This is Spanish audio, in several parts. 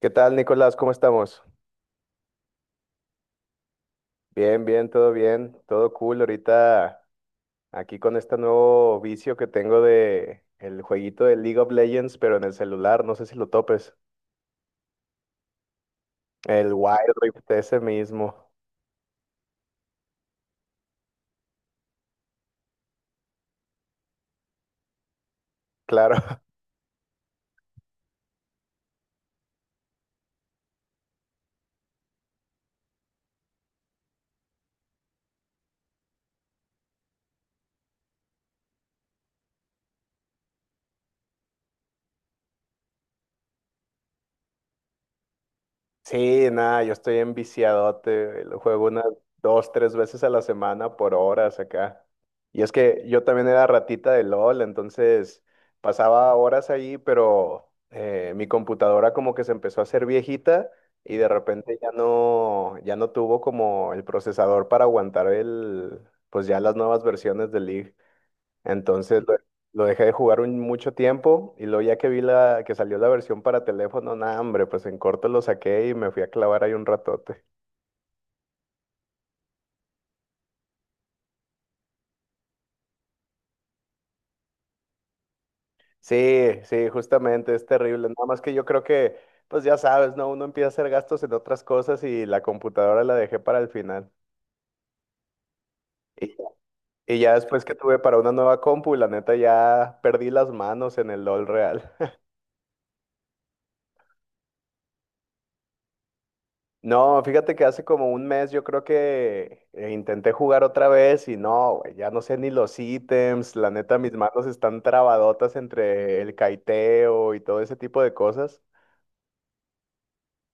¿Qué tal, Nicolás? ¿Cómo estamos? Bien, bien, todo cool. Ahorita aquí con este nuevo vicio que tengo de el jueguito de League of Legends, pero en el celular, no sé si lo topes. El Wild Rift ese mismo, claro. Sí, nada, yo estoy enviciadote, güey, lo juego unas 2, 3 veces a la semana por horas acá. Y es que yo también era ratita de LOL, entonces pasaba horas ahí, pero mi computadora como que se empezó a hacer viejita y de repente ya no tuvo como el procesador para aguantar pues ya las nuevas versiones del League. Entonces lo dejé de jugar mucho tiempo y luego ya que vi que salió la versión para teléfono, nada, hombre, pues en corto lo saqué y me fui a clavar ahí un ratote. Sí, sí, justamente, es terrible. Nada más que yo creo que, pues ya sabes, ¿no? Uno empieza a hacer gastos en otras cosas y la computadora la dejé para el final. Y, y ya después que tuve para una nueva compu, la neta ya perdí las manos en el LOL real. No, fíjate que hace como un mes yo creo que intenté jugar otra vez y no, güey, ya no sé ni los ítems, la neta mis manos están trabadotas entre el caiteo y todo ese tipo de cosas.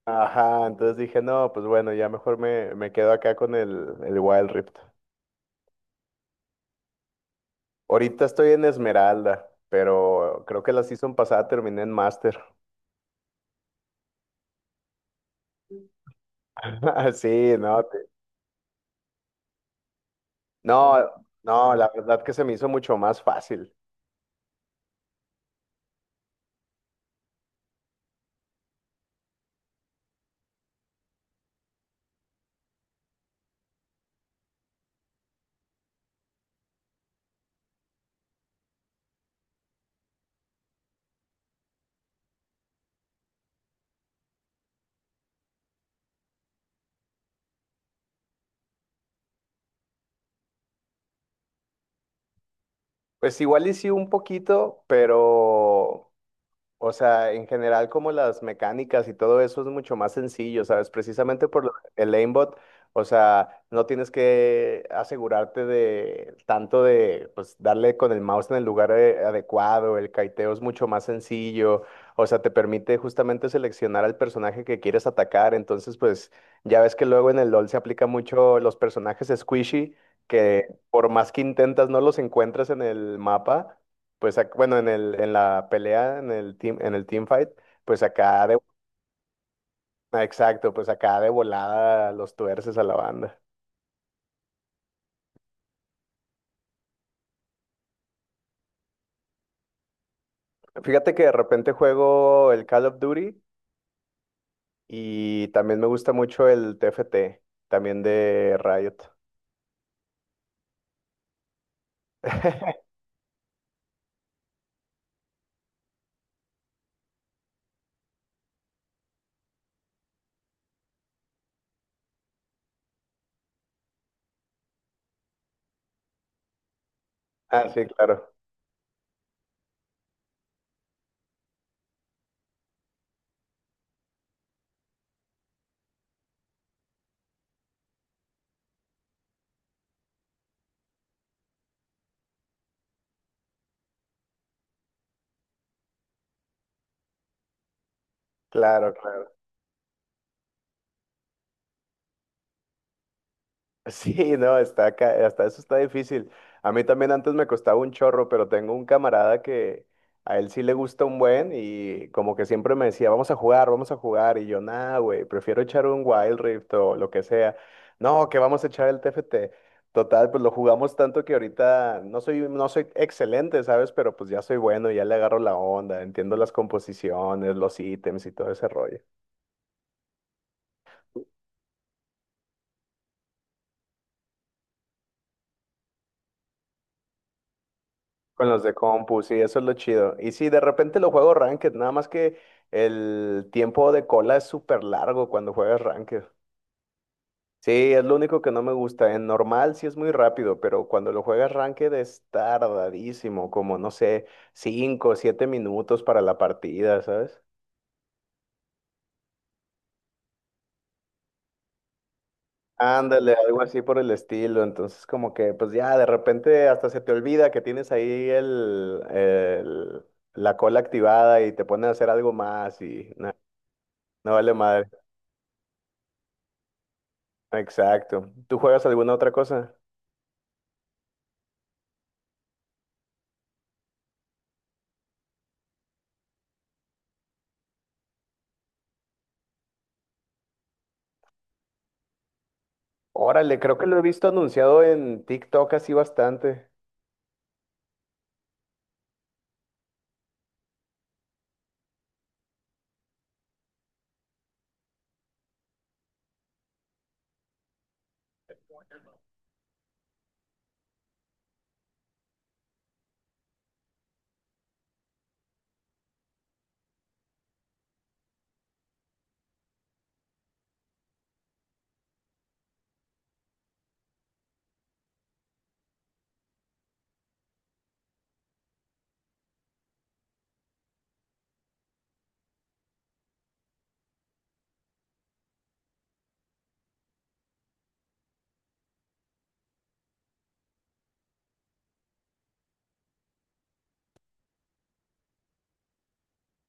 Ajá, entonces dije, no, pues bueno, ya mejor me quedo acá con el Wild Rift. Ahorita estoy en Esmeralda, pero creo que la season pasada terminé en Master. Sí, no, no, no, la verdad que se me hizo mucho más fácil. Pues igual y sí un poquito, pero, o sea, en general como las mecánicas y todo eso es mucho más sencillo, ¿sabes? Precisamente por el aimbot, o sea, no tienes que asegurarte de tanto de, pues, darle con el mouse en el lugar adecuado, el kiteo es mucho más sencillo, o sea, te permite justamente seleccionar al personaje que quieres atacar, entonces, pues, ya ves que luego en el LoL se aplica mucho los personajes squishy, que por más que intentas no los encuentras en el mapa pues bueno, en en la pelea, en el team fight, pues ah, exacto, pues acá de volada los tuerces a la banda. Fíjate que de repente juego el Call of Duty y también me gusta mucho el TFT, también de Riot. Ah, sí, claro, claro, claro. Sí, no, está acá, hasta eso está difícil. A mí también antes me costaba un chorro, pero tengo un camarada que a él sí le gusta un buen y como que siempre me decía, vamos a jugar, vamos a jugar. Y yo, nah, güey, prefiero echar un Wild Rift o lo que sea. No, que vamos a echar el TFT. Total, pues lo jugamos tanto que ahorita no soy excelente, ¿sabes? Pero pues ya soy bueno, ya le agarro la onda, entiendo las composiciones, los ítems y todo ese rollo. Con los de compu, sí, eso es lo chido. Y sí, de repente lo juego ranked, nada más que el tiempo de cola es súper largo cuando juegas ranked. Sí, es lo único que no me gusta. En normal sí es muy rápido, pero cuando lo juegas ranked es tardadísimo, como no sé, 5 o 7 minutos para la partida, ¿sabes? Ándale, algo así por el estilo. Entonces, como que, pues ya, de repente hasta se te olvida que tienes ahí la cola activada y te pones a hacer algo más y no, no vale madre. Exacto. ¿Tú juegas alguna otra cosa? Órale, creo que lo he visto anunciado en TikTok así bastante.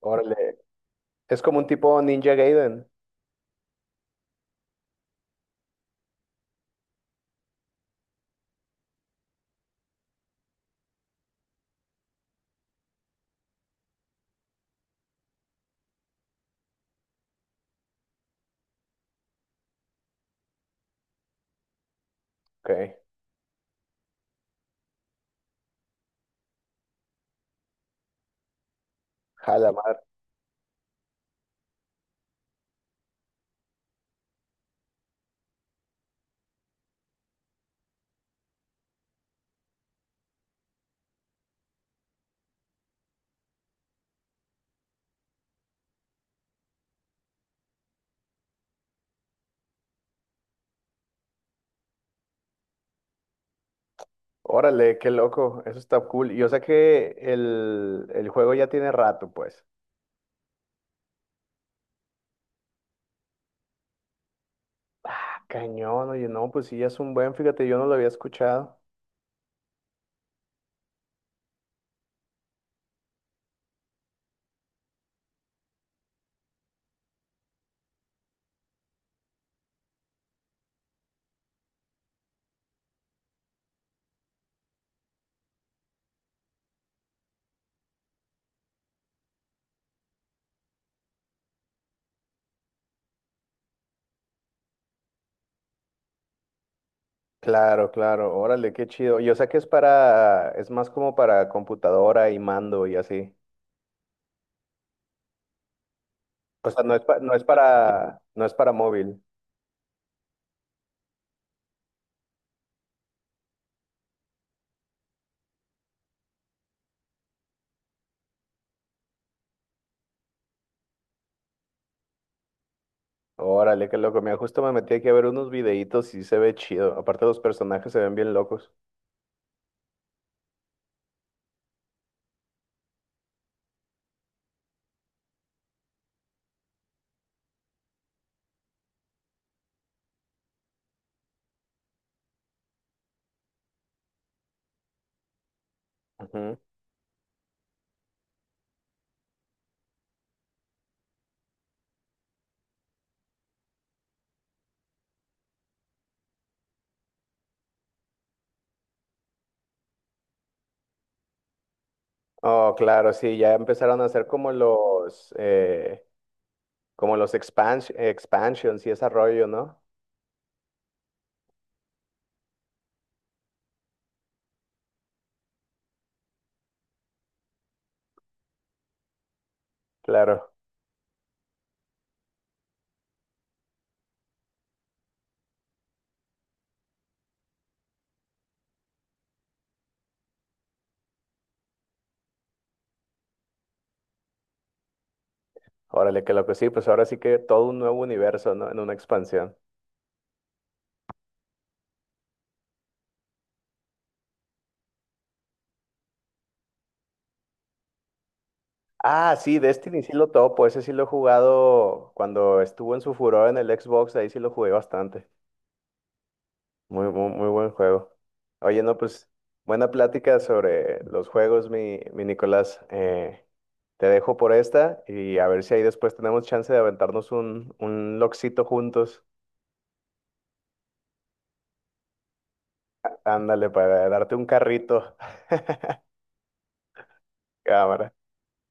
Órale, es como un tipo Ninja Gaiden. Ok, jalamar. Órale, qué loco, eso está cool. Yo sé que el juego ya tiene rato, pues. Ah, cañón, oye, no, pues sí, ya es un buen, fíjate, yo no lo había escuchado. Claro, claro, órale, qué chido. Yo sé que es para, es más como para computadora y mando y así. O sea, no es pa- no es para, no es para móvil. Órale, qué loco. Mira, justo me metí aquí a ver unos videitos y se ve chido. Aparte, los personajes se ven bien locos. Ujú. Oh, claro, sí, ya empezaron a hacer como los expansions y ese rollo, ¿no? Claro. Órale, qué loco. Sí, pues ahora sí que todo un nuevo universo, ¿no? En una expansión. Ah, sí, Destiny sí lo topo. Ese sí lo he jugado cuando estuvo en su furor en el Xbox. Ahí sí lo jugué bastante. Muy, muy, muy buen juego. Oye, no, pues buena plática sobre los juegos, mi Nicolás. Te dejo por esta y a ver si ahí después tenemos chance de aventarnos un loxito juntos. Ándale, para darte un carrito. Cámara.